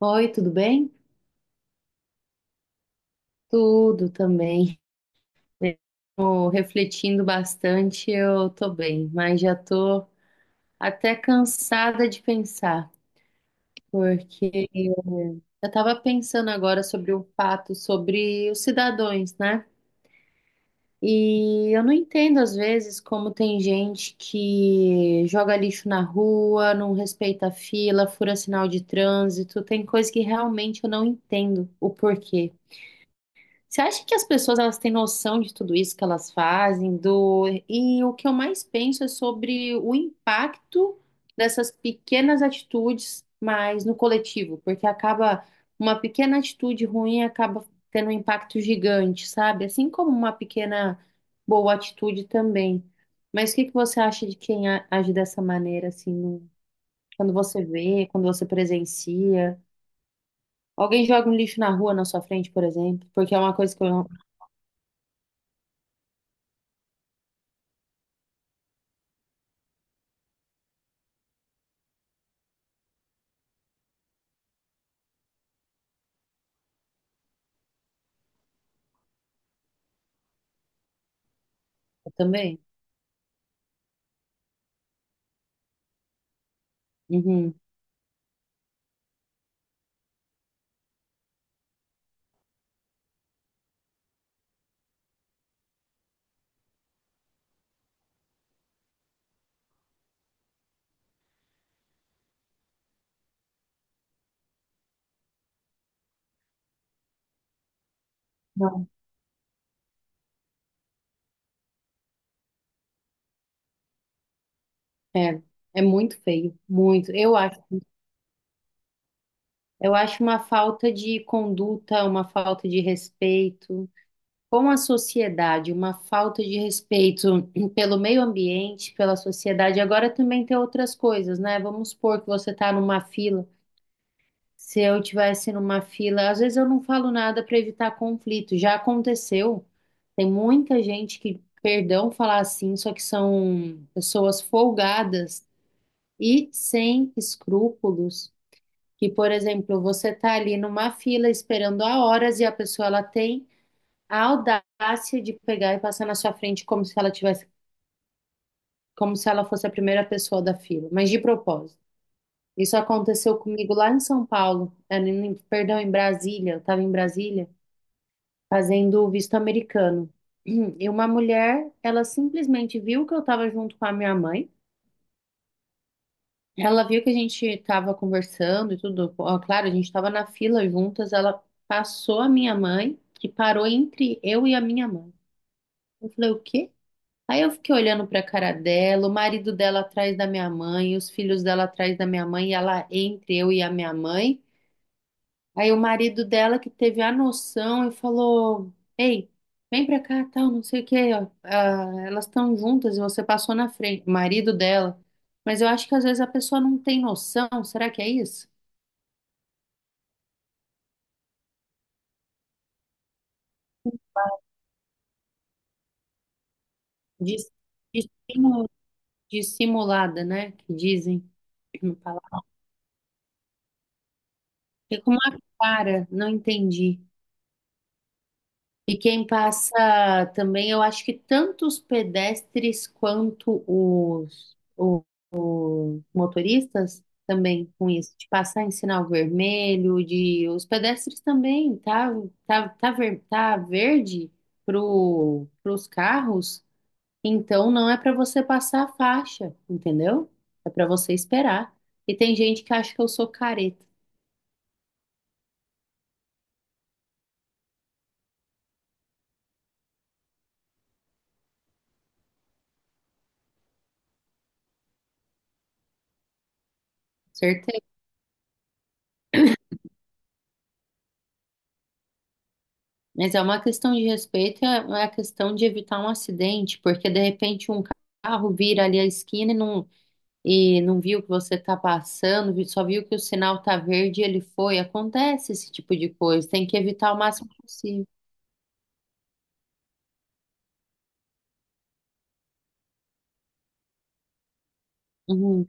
Oi, tudo bem? Tudo também. Tô refletindo bastante, eu tô bem, mas já tô até cansada de pensar, porque eu estava pensando agora sobre o fato sobre os cidadãos, né? E eu não entendo às vezes como tem gente que joga lixo na rua, não respeita a fila, fura sinal de trânsito, tem coisa que realmente eu não entendo o porquê. Você acha que as pessoas elas têm noção de tudo isso que elas fazem, e o que eu mais penso é sobre o impacto dessas pequenas atitudes, mas no coletivo, porque acaba uma pequena atitude ruim acaba tendo um impacto gigante, sabe? Assim como uma pequena boa atitude também. Mas o que que você acha de quem age dessa maneira, assim, quando você vê, quando você presencia? Alguém joga um lixo na rua na sua frente, por exemplo, porque é uma coisa que eu também. Uhum. Não. É, é muito feio, muito. Eu acho uma falta de conduta, uma falta de respeito com a sociedade, uma falta de respeito pelo meio ambiente, pela sociedade. Agora também tem outras coisas, né? Vamos supor que você está numa fila. Se eu tivesse numa fila, às vezes eu não falo nada para evitar conflito. Já aconteceu. Tem muita gente que, perdão falar assim, só que são pessoas folgadas e sem escrúpulos, que, por exemplo, você está ali numa fila esperando há horas e a pessoa ela tem a audácia de pegar e passar na sua frente como se ela tivesse, como se ela fosse a primeira pessoa da fila, mas de propósito. Isso aconteceu comigo lá em São Paulo, perdão, em Brasília, eu estava em Brasília fazendo o visto americano. E uma mulher, ela simplesmente viu que eu estava junto com a minha mãe. Ela viu que a gente estava conversando e tudo. Ó, claro, a gente estava na fila juntas. Ela passou a minha mãe, que parou entre eu e a minha mãe. Eu falei, o quê? Aí eu fiquei olhando para cara dela, o marido dela atrás da minha mãe, os filhos dela atrás da minha mãe, e ela entre eu e a minha mãe. Aí o marido dela que teve a noção e falou: Ei, vem pra cá, tal, não sei o quê, ó. Ah, elas estão juntas e você passou na frente, o marido dela. Mas eu acho que às vezes a pessoa não tem noção, será que é isso? De, de, simu- de simulada, né? Que dizem no palavra. Ficou uma cara, não entendi. E quem passa também, eu acho que tanto os pedestres quanto os motoristas também com isso, de passar em sinal vermelho, de os pedestres também, tá verde pros carros, então não é para você passar a faixa, entendeu? É para você esperar. E tem gente que acha que eu sou careta, mas é uma questão de respeito, é a questão de evitar um acidente, porque de repente um carro vira ali a esquina e não, viu que você está passando, só viu que o sinal está verde e ele foi. Acontece esse tipo de coisa, tem que evitar o máximo possível. Uhum.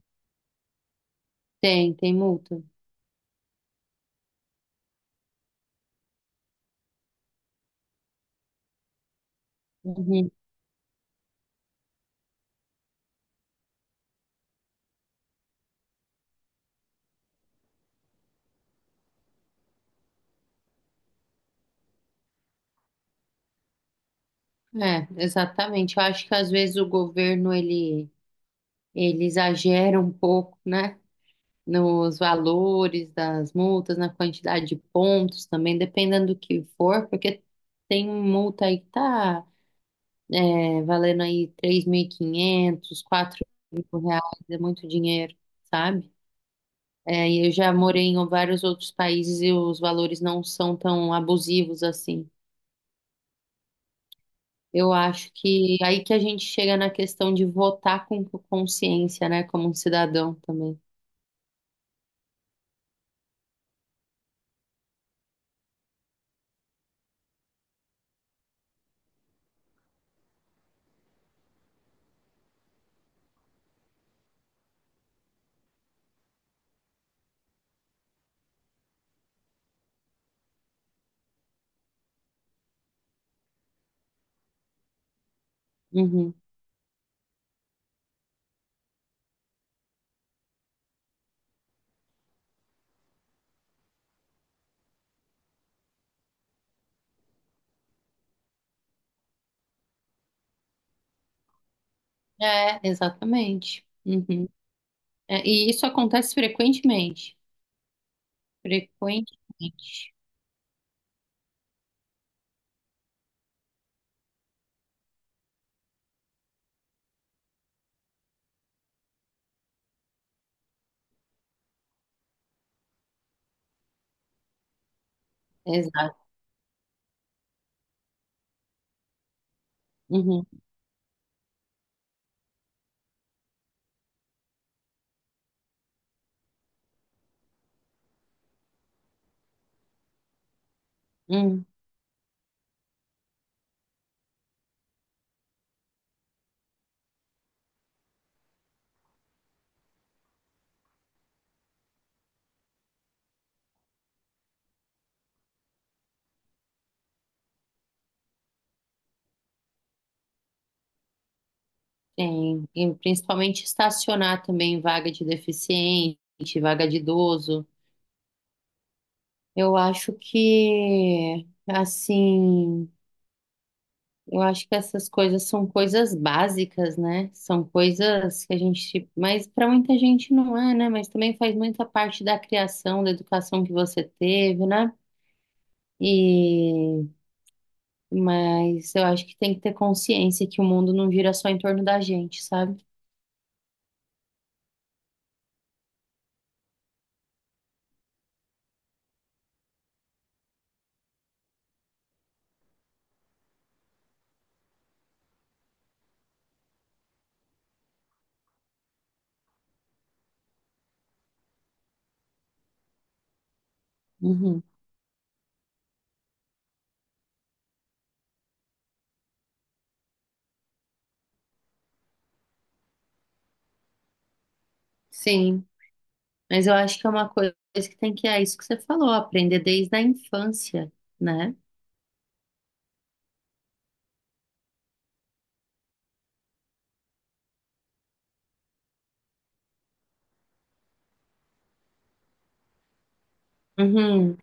Tem multa. Uhum. É, exatamente. Eu acho que às vezes o governo ele exagera um pouco, né? Nos valores das multas, na quantidade de pontos também, dependendo do que for, porque tem multa aí que tá, valendo aí 3.500, R$ 4.000, é muito dinheiro, sabe? É, e eu já morei em vários outros países e os valores não são tão abusivos assim. Eu acho que aí que a gente chega na questão de votar com consciência, né, como um cidadão também. Uhum. É, exatamente. Uhum. É, e isso acontece frequentemente. Frequentemente. Exato. Uhum. Uhum. Tem. E principalmente estacionar também vaga de deficiente, vaga de idoso. Eu acho que, assim, eu acho que essas coisas são coisas básicas, né? São coisas que a gente, mas para muita gente não é, né? Mas também faz muita parte da criação, da educação que você teve, né? E mas eu acho que tem que ter consciência que o mundo não gira só em torno da gente, sabe? Uhum. Sim, mas eu acho que é uma coisa que tem que, é isso que você falou, aprender desde a infância, né? Uhum.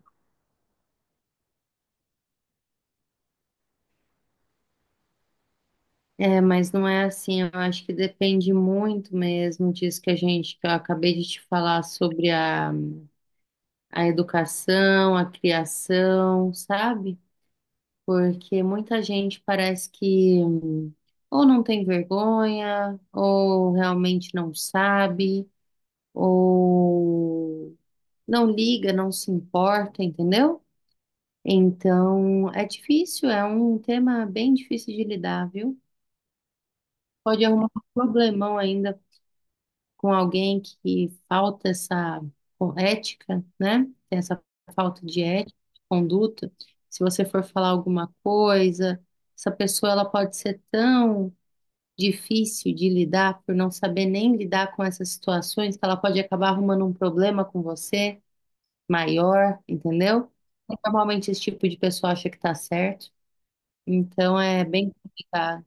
É, mas não é assim, eu acho que depende muito mesmo disso que a gente, que eu acabei de te falar sobre a educação, a criação, sabe? Porque muita gente parece que ou não tem vergonha, ou realmente não sabe, ou não liga, não se importa, entendeu? Então, é difícil, é um tema bem difícil de lidar, viu? Pode arrumar um problemão ainda com alguém que falta essa ética, né? Tem essa falta de ética, de conduta. Se você for falar alguma coisa, essa pessoa ela pode ser tão difícil de lidar por não saber nem lidar com essas situações que ela pode acabar arrumando um problema com você maior, entendeu? Normalmente esse tipo de pessoa acha que tá certo, então é bem complicado.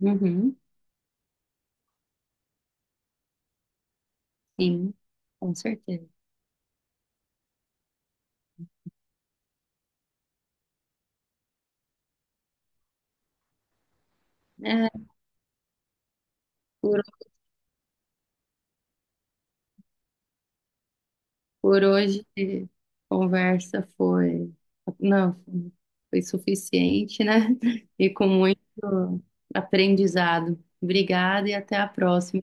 Uhum, sim, com certeza. É, por, por hoje, a conversa foi, não, foi suficiente, né? E com muito aprendizado. Obrigada e até a próxima.